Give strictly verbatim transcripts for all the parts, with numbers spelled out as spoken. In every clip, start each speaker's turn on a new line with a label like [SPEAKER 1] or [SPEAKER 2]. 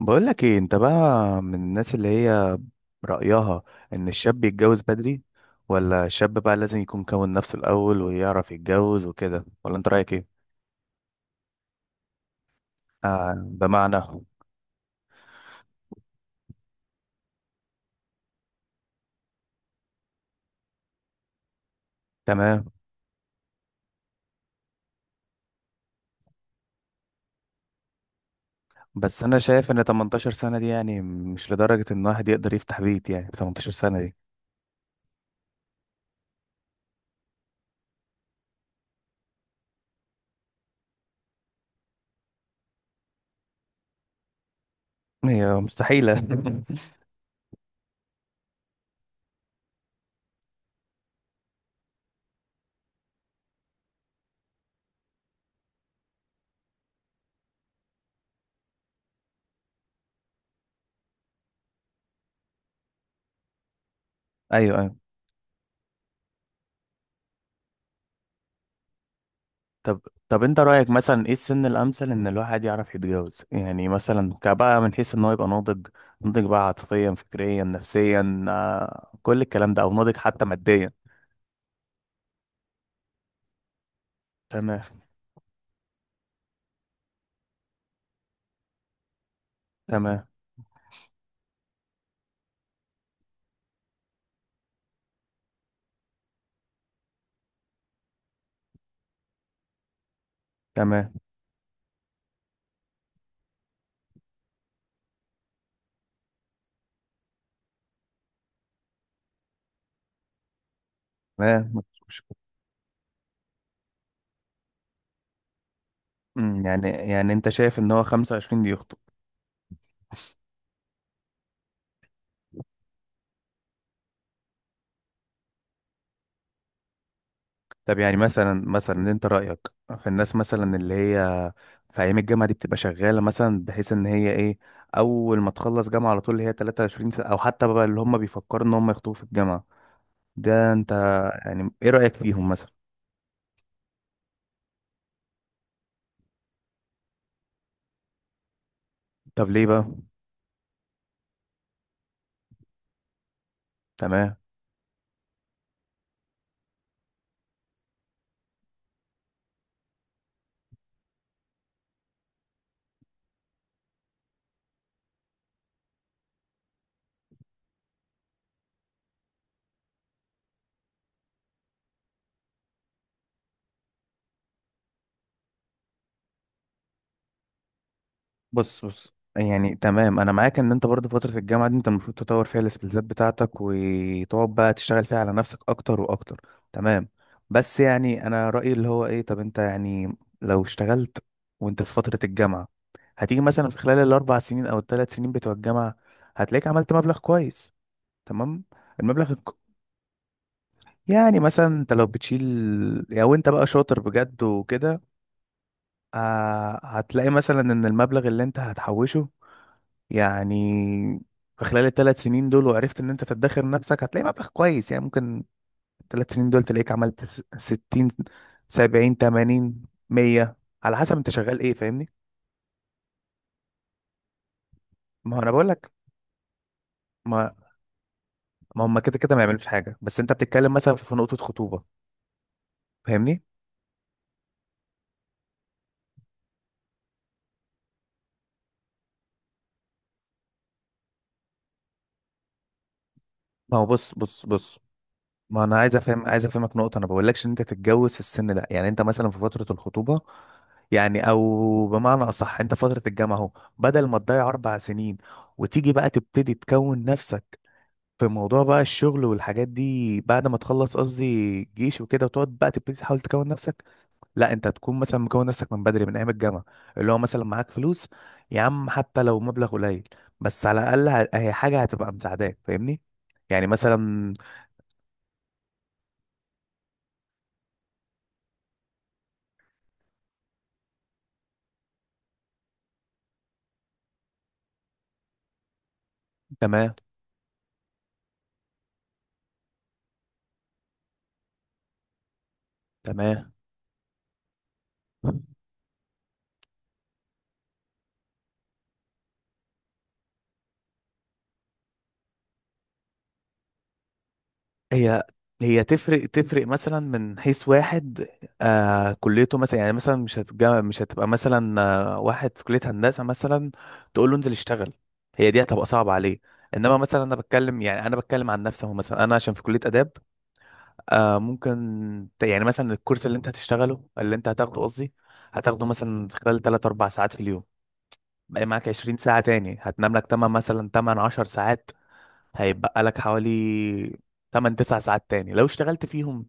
[SPEAKER 1] بقولك ايه انت بقى، من الناس اللي هي رأيها ان الشاب يتجوز بدري، ولا الشاب بقى لازم يكون كون نفسه الأول ويعرف يتجوز وكده، ولا انت رأيك ايه؟ آه، بمعنى. تمام. بس انا شايف ان تمنتاشر سنة دي يعني مش لدرجة ان واحد يقدر يفتح بيت، يعني ثمانية عشر سنة دي هي مستحيلة. ايوه. طب طب انت رأيك مثلا ايه السن الأمثل ان الواحد يعرف يتجوز، يعني مثلا كبقى من حيث ان هو يبقى ناضج؟ ناضج بقى عاطفيا فكريا نفسيا، آه، كل الكلام ده او ناضج حتى ماديا. تمام، تمام، تمام، تمام، مفيش مشكلة. أمم، يعني يعني انت شايف ان هو خمسة وعشرين دي يخطب؟ طب يعني مثلا مثلا انت رأيك في الناس مثلا اللي هي في ايام الجامعة دي بتبقى شغالة مثلا بحيث ان هي ايه، اول ما تخلص جامعة على طول اللي هي تلاتة وعشرين سنة، او حتى بقى اللي هم بيفكروا ان هم يخطبوا في الجامعة؟ ده انت يعني ايه رأيك فيهم مثلا؟ طب ليه بقى؟ تمام. بص بص يعني تمام، انا معاك ان انت برضه فترة الجامعة دي انت المفروض تطور فيها السكيلزات بتاعتك وتقعد بقى تشتغل فيها على نفسك اكتر واكتر. تمام. بس يعني انا رأيي اللي هو ايه، طب انت يعني لو اشتغلت وانت في فترة الجامعة، هتيجي مثلا في خلال الاربع سنين او الثلاث سنين بتوع الجامعة، هتلاقيك عملت مبلغ كويس. تمام. المبلغ الك- يعني مثلا انت لو بتشيل، لو انت بقى شاطر بجد وكده، آه، هتلاقي مثلا ان المبلغ اللي انت هتحوشه يعني في خلال الثلاث سنين دول وعرفت ان انت تدخر نفسك، هتلاقي مبلغ كويس يعني. ممكن الثلاث سنين دول تلاقيك عملت س- ستين سبعين تمانين مية على حسب انت شغال ايه. فاهمني؟ ما هو انا بقول لك، ما ما هم كده كده ما يعملوش حاجة، بس انت بتتكلم مثلا في نقطة خطوبة. فاهمني؟ ما هو بص بص بص ما انا عايز افهم عايز افهمك نقطه، انا بقولكش ان انت تتجوز في السن ده، يعني انت مثلا في فتره الخطوبه، يعني او بمعنى اصح انت فتره الجامعه اهو، بدل ما تضيع اربع سنين وتيجي بقى تبتدي تكون نفسك في موضوع بقى الشغل والحاجات دي بعد ما تخلص قصدي جيش وكده وتقعد بقى تبتدي تحاول تكون نفسك، لا، انت تكون مثلا مكون نفسك من بدري، من ايام الجامعه، اللي هو مثلا معاك فلوس، يا عم حتى لو مبلغ قليل بس على الاقل ه- هي حاجه هتبقى مساعداك. فاهمني؟ يعني مثلا. تمام، تمام. هي هي تفرق تفرق مثلا من حيث واحد، آه كليته مثلا، يعني مثلا مش هتجا مش هتبقى مثلا آه واحد في كلية هندسة مثلا تقول له انزل اشتغل، هي دي هتبقى صعبة عليه. انما مثلا انا بتكلم، يعني انا بتكلم عن نفسي اهو، مثلا انا عشان في كلية آداب، آه ممكن ت- يعني مثلا الكورس اللي انت هتشتغله، اللي انت هتاخده قصدي، هتاخده مثلا خلال ثلاث اربع ساعات في اليوم، بقى معاك عشرين ساعة تاني، هتنام لك ثمان مثلا، ثمان عشر ساعات، هيتبقى لك حوالي ثمان تسع ساعات تاني لو اشتغلت فيهم.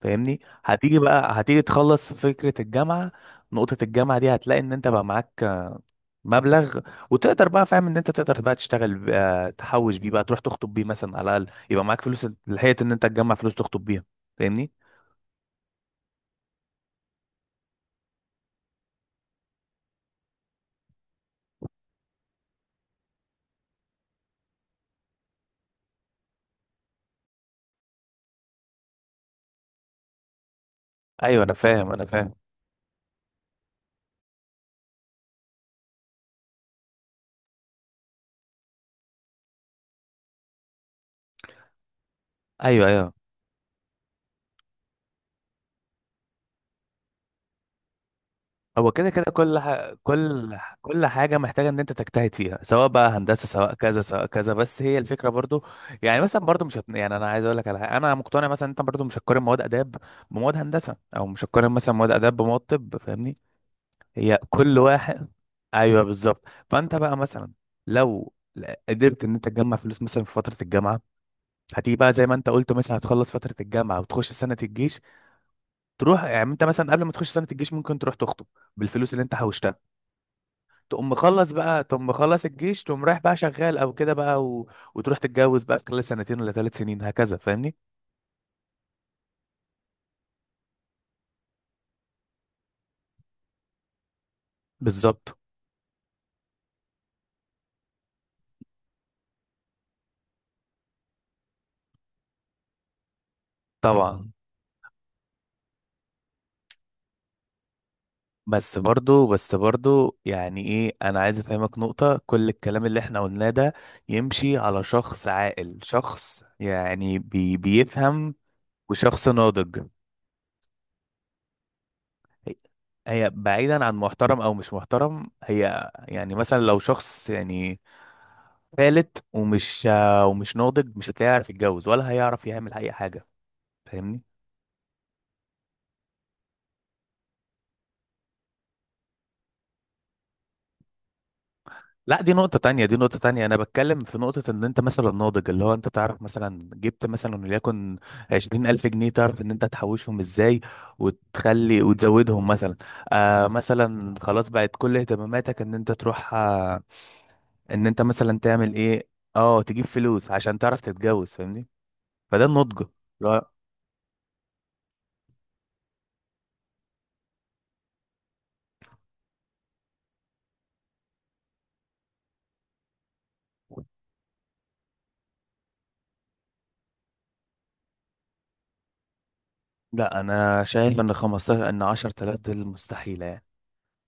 [SPEAKER 1] فاهمني؟ هتيجي بقى هتيجي تخلص فكرة الجامعة، نقطة الجامعة دي هتلاقي ان انت بقى معاك مبلغ، وتقدر بقى، فاهم ان انت تقدر بقى تشتغل بقى تحوش بيه بقى تروح تخطب بيه مثلا، على الاقل يبقى معاك فلوس، لحقت ان انت تجمع فلوس تخطب بيها. فاهمني؟ ايوه انا فاهم، انا فاهم. ايوه، ايوه. هو كده كده كل ح... كل ح- كل حاجة محتاجة ان انت تجتهد فيها، سواء بقى هندسة سواء كذا سواء كذا، بس هي الفكرة برضو. يعني مثلا برضو مش هت... يعني انا عايز اقول لك على حاجة انا مقتنع مثلا، انت برضو مش هتقارن مواد اداب بمواد هندسة، او مش هتقارن مثلا مواد اداب بمواد طب. فاهمني؟ هي كل واحد. ايوه بالظبط. فانت بقى مثلا لو ل- قدرت ان انت تجمع فلوس مثلا في فترة الجامعة، هتيجي بقى زي ما انت قلت مثلا، هتخلص فترة الجامعة وتخش سنة الجيش، تروح يعني انت مثلا قبل ما تخش سنة الجيش ممكن تروح تخطب بالفلوس اللي انت حوشتها، تقوم مخلص بقى، تقوم مخلص الجيش تقوم رايح بقى شغال او كده بقى، و... وتروح تتجوز بقى في خلال سنتين ولا ثلاث سنين هكذا. فاهمني؟ بالظبط. طبعا. مم. بس برضو، بس برضو، يعني ايه، انا عايز افهمك نقطة، كل الكلام اللي احنا قلناه ده يمشي على شخص عاقل، شخص يعني بي... بيفهم، وشخص ناضج. هي بعيدا عن محترم او مش محترم، هي يعني مثلا لو شخص يعني فالت ومش ومش ناضج، مش هتلاقيه يعرف يتجوز ولا هيعرف يعمل اي حاجه. فاهمني؟ لا، دي نقطة تانية، دي نقطة تانية، أنا بتكلم في نقطة إن أنت مثلا ناضج، اللي هو أنت تعرف مثلا جبت مثلا وليكن عشرين ألف جنيه، تعرف إن أنت تحوشهم إزاي وتخلي وتزودهم مثلا، آه مثلا خلاص بقت كل اهتماماتك إن أنت تروح، آه، ان انت مثلا تعمل ايه، اه تجيب فلوس عشان تعرف تتجوز. فاهمني؟ فده النضج. لا، لا، انا شايف ان خمسة عشر، ان عشر تلاف دول مستحيله يعني،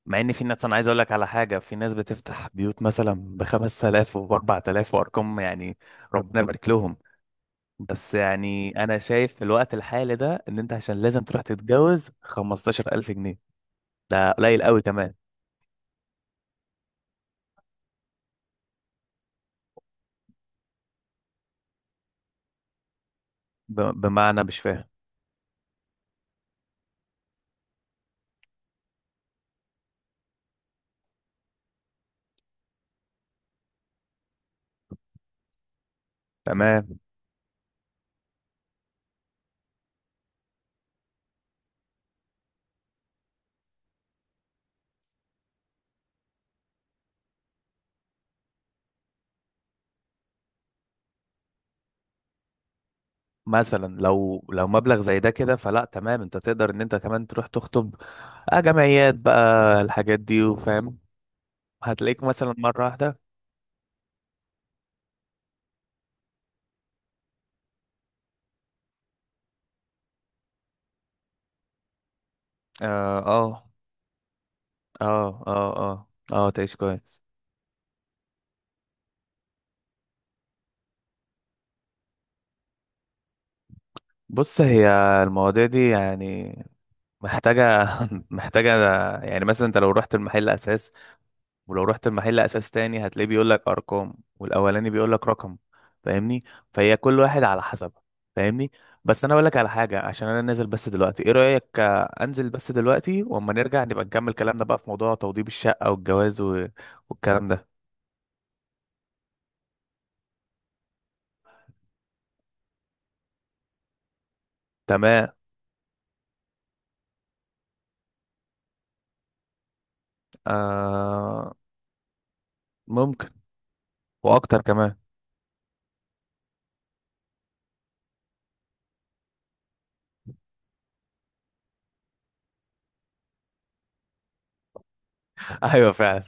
[SPEAKER 1] مع ان في ناس، انا عايز اقول لك على حاجه، في ناس بتفتح بيوت مثلا ب خمس تلاف وب اربعة آلاف وارقام يعني، ربنا يبارك لهم. بس يعني انا شايف في الوقت الحالي ده ان انت عشان لازم تروح تتجوز خمستاشر الف جنيه. ده قليل قوي كمان. ب- بمعنى مش فاهم. تمام. مثلا لو لو مبلغ زي ده كده، فلا تمام، انت تقدر ان انت كمان تروح تخطب، آه جمعيات بقى الحاجات دي وفاهم، هتلاقيك مثلا مرة واحدة. اه، اه، اه، اه، اه، آه تعيش كويس. بص، هي المواضيع دي يعني محتاجة. محتاجة يعني مثلا، انت لو رحت المحل اساس، ولو رحت المحل اساس تاني هتلاقيه بيقول لك ارقام، والاولاني بيقول لك رقم. فاهمني؟ فهي كل واحد على حسب. فاهمني؟ بس انا اقول لك على حاجه، عشان انا نازل بس دلوقتي، ايه رايك، آه، انزل بس دلوقتي واما نرجع نبقى نكمل كلامنا بقى في موضوع توضيب الشقه والجواز و... والكلام ده. تمام. آه ممكن. واكتر كمان. ايوه فعلا.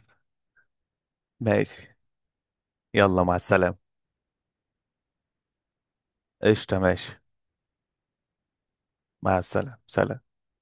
[SPEAKER 1] ماشي. يلا مع السلامه. قشطه. ماشي. مع السلامه. سلام.